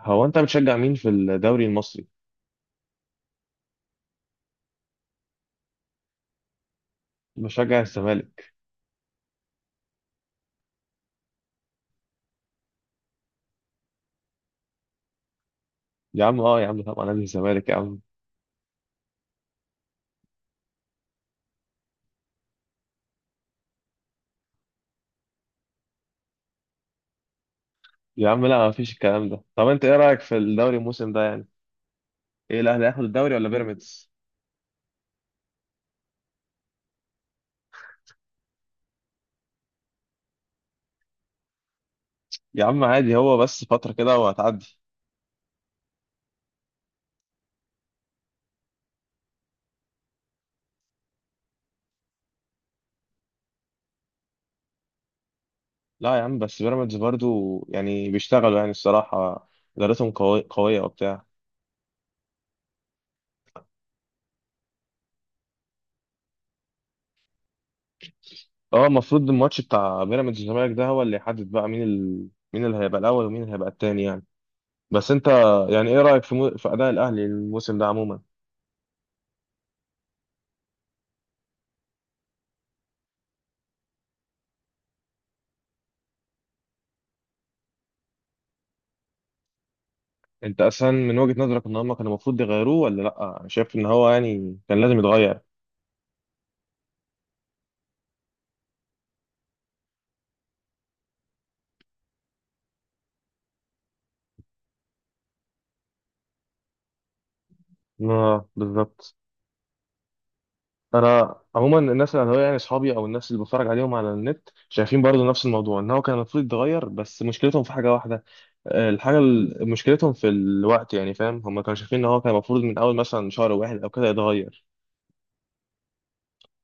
هو انت بتشجع مين في الدوري المصري؟ بشجع الزمالك. يا عم اه يا عم طبعا نادي الزمالك يا عم. يا عم لا، مفيش الكلام ده. طب انت ايه رأيك في الدوري الموسم ده يعني؟ ايه، الاهلي هياخد الدوري ولا بيراميدز؟ يا عم عادي، هو بس فترة كده وهتعدي. لا يا عم، بس بيراميدز برضو يعني بيشتغلوا يعني الصراحة. ادارتهم قوية وبتاع. اه المفروض الماتش بتاع بيراميدز والزمالك ده هو اللي يحدد بقى مين مين اللي هيبقى الاول ومين اللي هيبقى التاني يعني. بس انت يعني ايه رأيك في في اداء الاهلي الموسم ده عموما؟ انت اصلا من وجهة نظرك ان هم كانوا المفروض يغيروه ولا لا؟ انا شايف ان هو يعني كان لازم يتغير. اه بالظبط. انا عموما الناس اللي هو يعني اصحابي او الناس اللي بتفرج عليهم على النت شايفين برضو نفس الموضوع ان هو كان المفروض يتغير، بس مشكلتهم في حاجة واحدة. مشكلتهم في الوقت. يعني فاهم، هم كانوا شايفين ان هو كان المفروض من اول مثلا شهر واحد او كده يتغير.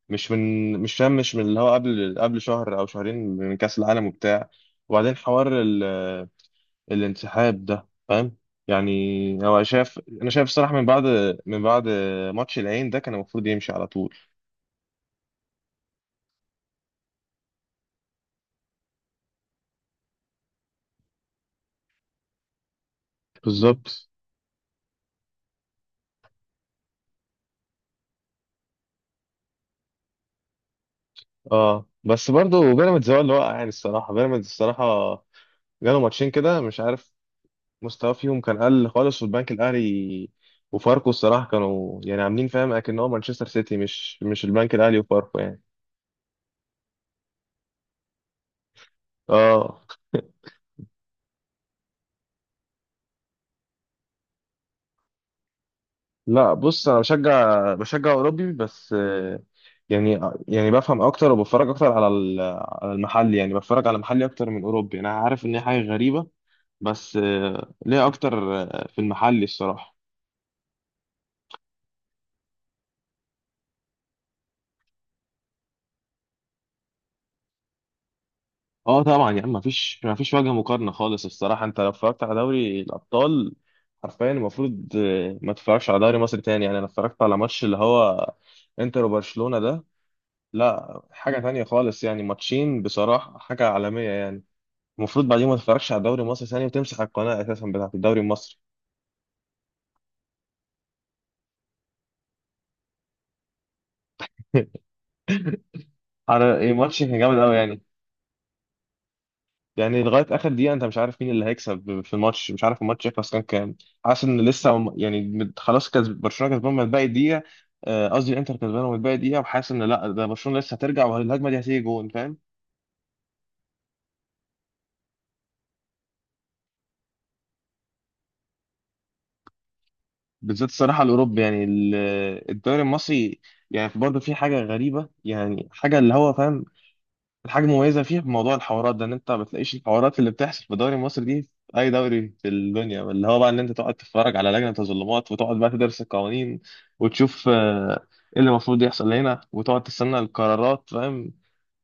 مش فاهم مش من اللي هو قبل شهر او شهرين من كأس العالم وبتاع. وبعدين حوار الانسحاب ده فاهم، يعني هو شايف، انا شايف الصراحه من بعد، من بعد ماتش العين ده كان المفروض يمشي على طول. بالظبط. اه بس برضه بيراميدز هو اللي وقع يعني الصراحه. بيراميدز الصراحه جاله ماتشين كده مش عارف، مستواه فيهم كان قل خالص. والبنك الاهلي وفاركو الصراحه كانوا يعني عاملين فاهم اكن هو مانشستر سيتي، مش البنك الاهلي وفاركو يعني. اه لا بص، انا بشجع اوروبي بس، يعني بفهم اكتر وبتفرج اكتر على المحلي. يعني بتفرج على محلي اكتر من اوروبي. انا عارف ان هي حاجه غريبه، بس ليه اكتر في المحلي الصراحه. اه طبعا يعني ما فيش وجه مقارنه خالص الصراحه. انت لو اتفرجت على دوري الابطال، حرفيا المفروض ما تتفرجش على دوري مصر تاني يعني. انا اتفرجت على ماتش اللي هو انتر وبرشلونه ده، لا حاجه تانية خالص يعني. ماتشين بصراحه، حاجه عالميه يعني. المفروض بعدين ما تتفرجش على الدوري المصري ثاني وتمسح القناه اساسا بتاعت الدوري المصري. على إيه، ماتش كان جامد قوي يعني. يعني لغايه اخر دقيقه انت مش عارف مين اللي هيكسب في الماتش، مش عارف الماتش يخلص كام كام. حاسس ان لسه يعني خلاص كسب برشلونه، كسبان من باقي دقيقه. قصدي الانتر كسبان من باقي دقيقه، وحاسس ان لا، ده برشلونه لسه هترجع والهجمه دي هتيجي جون فاهم. بالذات الصراحه الاوروبي يعني الدوري المصري يعني برضه في حاجه غريبه. يعني حاجه اللي هو فاهم الحاجة المميزة فيها بموضوع الحوارات ده، ان انت ما بتلاقيش الحوارات اللي بتحصل في الدوري المصري دي في اي دوري في الدنيا. اللي هو بقى ان انت تقعد تتفرج على لجنة تظلمات، وتقعد بقى تدرس القوانين وتشوف ايه اللي المفروض يحصل هنا، وتقعد تستنى القرارات فاهم.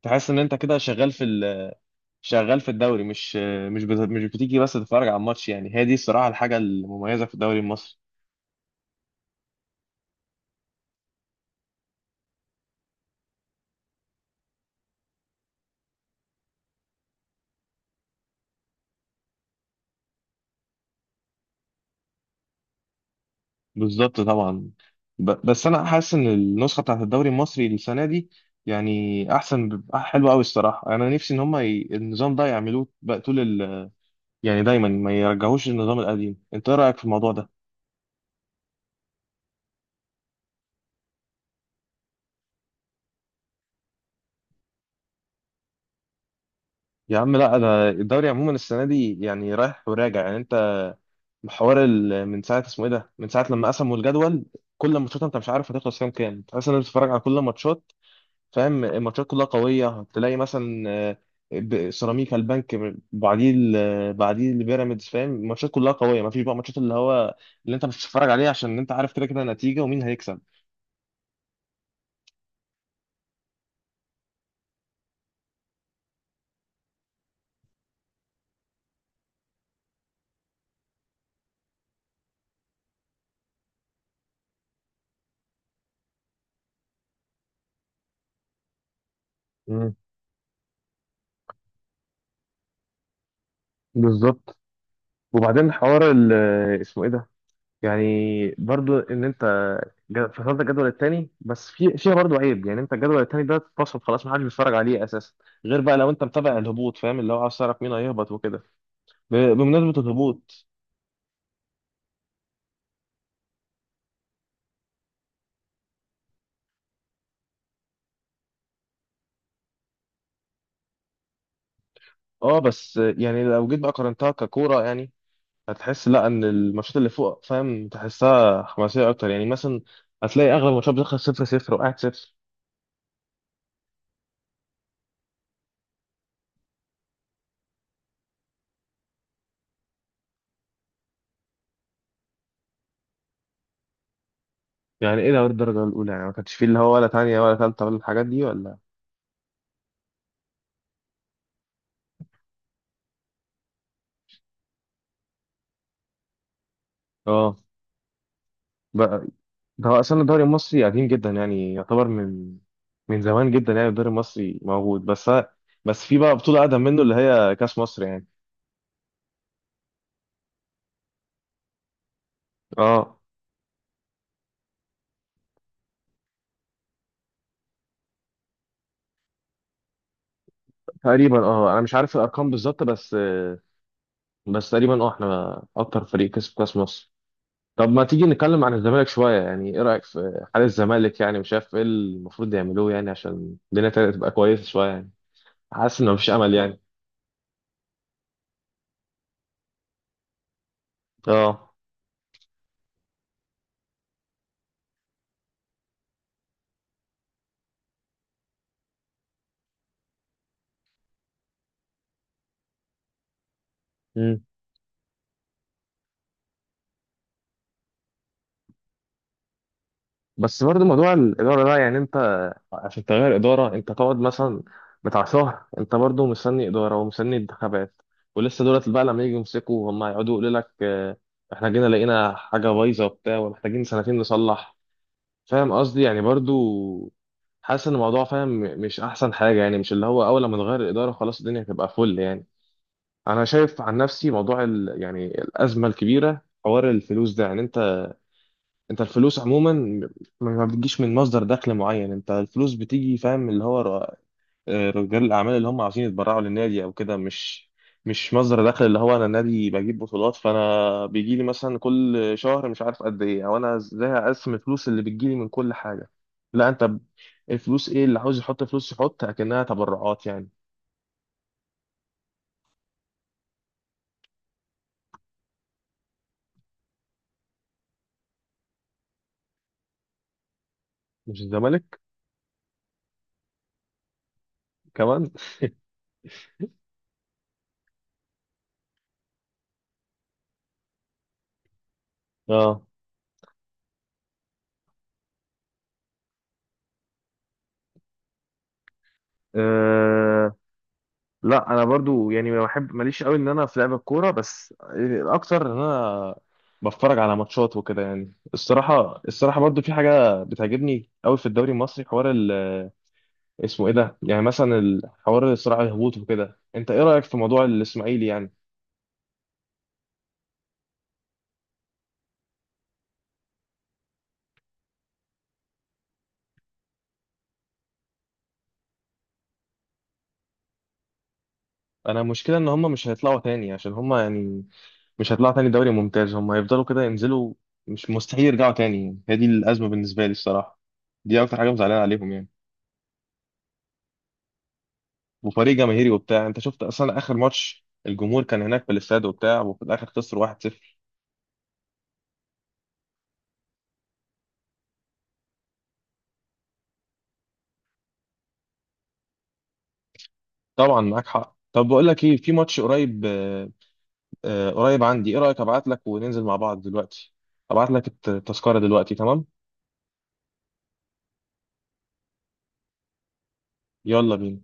تحس ان انت كده شغال شغال في الدوري، مش آه، مش بت- مش بتيجي بس تتفرج على الماتش. يعني هي دي الصراحة الحاجة المميزة في الدوري المصري. بالظبط طبعا. بس انا حاسس ان النسخه بتاعت الدوري المصري السنه دي يعني احسن، حلوه قوي الصراحه. انا نفسي ان هم النظام ده يعملوه بقى طول يعني دايما ما يرجعوش للنظام القديم. انت ايه رايك في الموضوع ده؟ يا عم لا، انا الدوري عموما السنه دي يعني رايح وراجع يعني. انت حوار من ساعه اسمه ايه ده، من ساعه لما قسموا الجدول، كل ماتشات انت مش عارف هتخلص كام كام. تحس ان انت بتتفرج على كل الماتشات فاهم، الماتشات كلها قوية. تلاقي مثلا سيراميكا البنك، بعديه البيراميدز فاهم. الماتشات كلها قوية، مفيش بقى ماتشات اللي هو اللي انت مش بتتفرج عليه عشان انت عارف كده كده النتيجة ومين هيكسب. مم. بالظبط. وبعدين حوار اسمه ايه ده يعني، برضو ان انت فصلت الجدول الثاني، بس في فيها برضو عيب يعني. انت الجدول الثاني ده اتفصل خلاص محدش بيتفرج عليه اساسا، غير بقى لو انت متابع الهبوط فاهم اللي هو عاوز تعرف مين هيهبط وكده. بمناسبة الهبوط، اه بس يعني لو جيت بقى قارنتها ككوره يعني، هتحس لا ان الماتشات اللي فوق فاهم تحسها حماسيه اكتر يعني. مثلا هتلاقي اغلب الماتشات بتخلص صفر صفر وقاعد صفر. يعني ايه ده الدرجه الاولى؟ يعني ما كانش فيه اللي هو ولا تانية ولا تالتة ولا الحاجات دي ولا؟ اه بقى، ده هو اصلا الدوري المصري قديم جدا. يعني يعتبر من زمان جدا يعني، الدوري المصري موجود. بس في بقى بطوله اقدم منه اللي هي كاس مصر يعني. اه تقريبا، اه انا مش عارف الارقام بالظبط بس. بس تقريبا اه احنا اكتر فريق كسب كاس مصر. طب ما تيجي نتكلم عن الزمالك شوية؟ يعني ايه رأيك في حال الزمالك؟ يعني مش عارف ايه المفروض يعملوه يعني عشان الدنيا تبقى كويسة شوية يعني. حاسس انه مفيش امل يعني. اه. مم. بس برضه موضوع الإدارة ده يعني انت عشان تغير إدارة انت تقعد مثلا بتاع شهر، انت برضه مستني إدارة ومستني انتخابات. ولسه دولت بقى لما يجوا يمسكوا هم هيقعدوا يقولوا لك احنا جينا لقينا حاجة بايظة وبتاع ومحتاجين سنتين نصلح. فاهم قصدي، يعني برضو حاسس ان الموضوع فاهم مش احسن حاجه يعني، مش اللي هو اول ما نغير الاداره خلاص الدنيا هتبقى فل يعني. انا شايف عن نفسي موضوع يعني الازمه الكبيره حوار الفلوس ده، يعني انت الفلوس عموما ما بتجيش من مصدر دخل معين. انت الفلوس بتيجي فاهم اللي هو رجال الاعمال اللي هم عاوزين يتبرعوا للنادي او كده، مش مصدر دخل اللي هو انا نادي بجيب بطولات فانا بيجي لي مثلا كل شهر مش عارف قد ايه، او انا ازاي اقسم الفلوس اللي بتجي لي من كل حاجه. لا انت الفلوس ايه اللي عاوز يحط فلوس يحط اكنها تبرعات يعني. مش الزمالك كمان اه. آه، لا انا برضو يعني ما بحب ماليش قوي ان انا في لعب الكوره، بس الاكتر ان انا بتفرج على ماتشات وكده يعني الصراحه. الصراحه برضو في حاجه بتعجبني قوي في الدوري المصري، حوار اسمه ايه ده يعني، مثلا حوار الصراع الهبوط وكده. انت ايه رايك في موضوع الاسماعيلي يعني؟ انا مشكله ان هم مش هيطلعوا تاني عشان هم يعني مش هيطلعوا تاني دوري ممتاز. هم هيفضلوا كده ينزلوا، مش مستحيل يرجعوا تاني. هي دي الازمه بالنسبه لي الصراحه، دي اكتر حاجه مزعلانه عليهم يعني. وفريق جماهيري وبتاع. انت شفت اصلا اخر ماتش الجمهور كان هناك في الاستاد وبتاع، وفي الاخر خسر 1-0. طبعا معاك حق. طب بقول لك ايه، في ماتش قريب قريب عندي. ايه رايك ابعت لك وننزل مع بعض دلوقتي؟ ابعت لك الت- التذكره دلوقتي تمام؟ يلا بينا.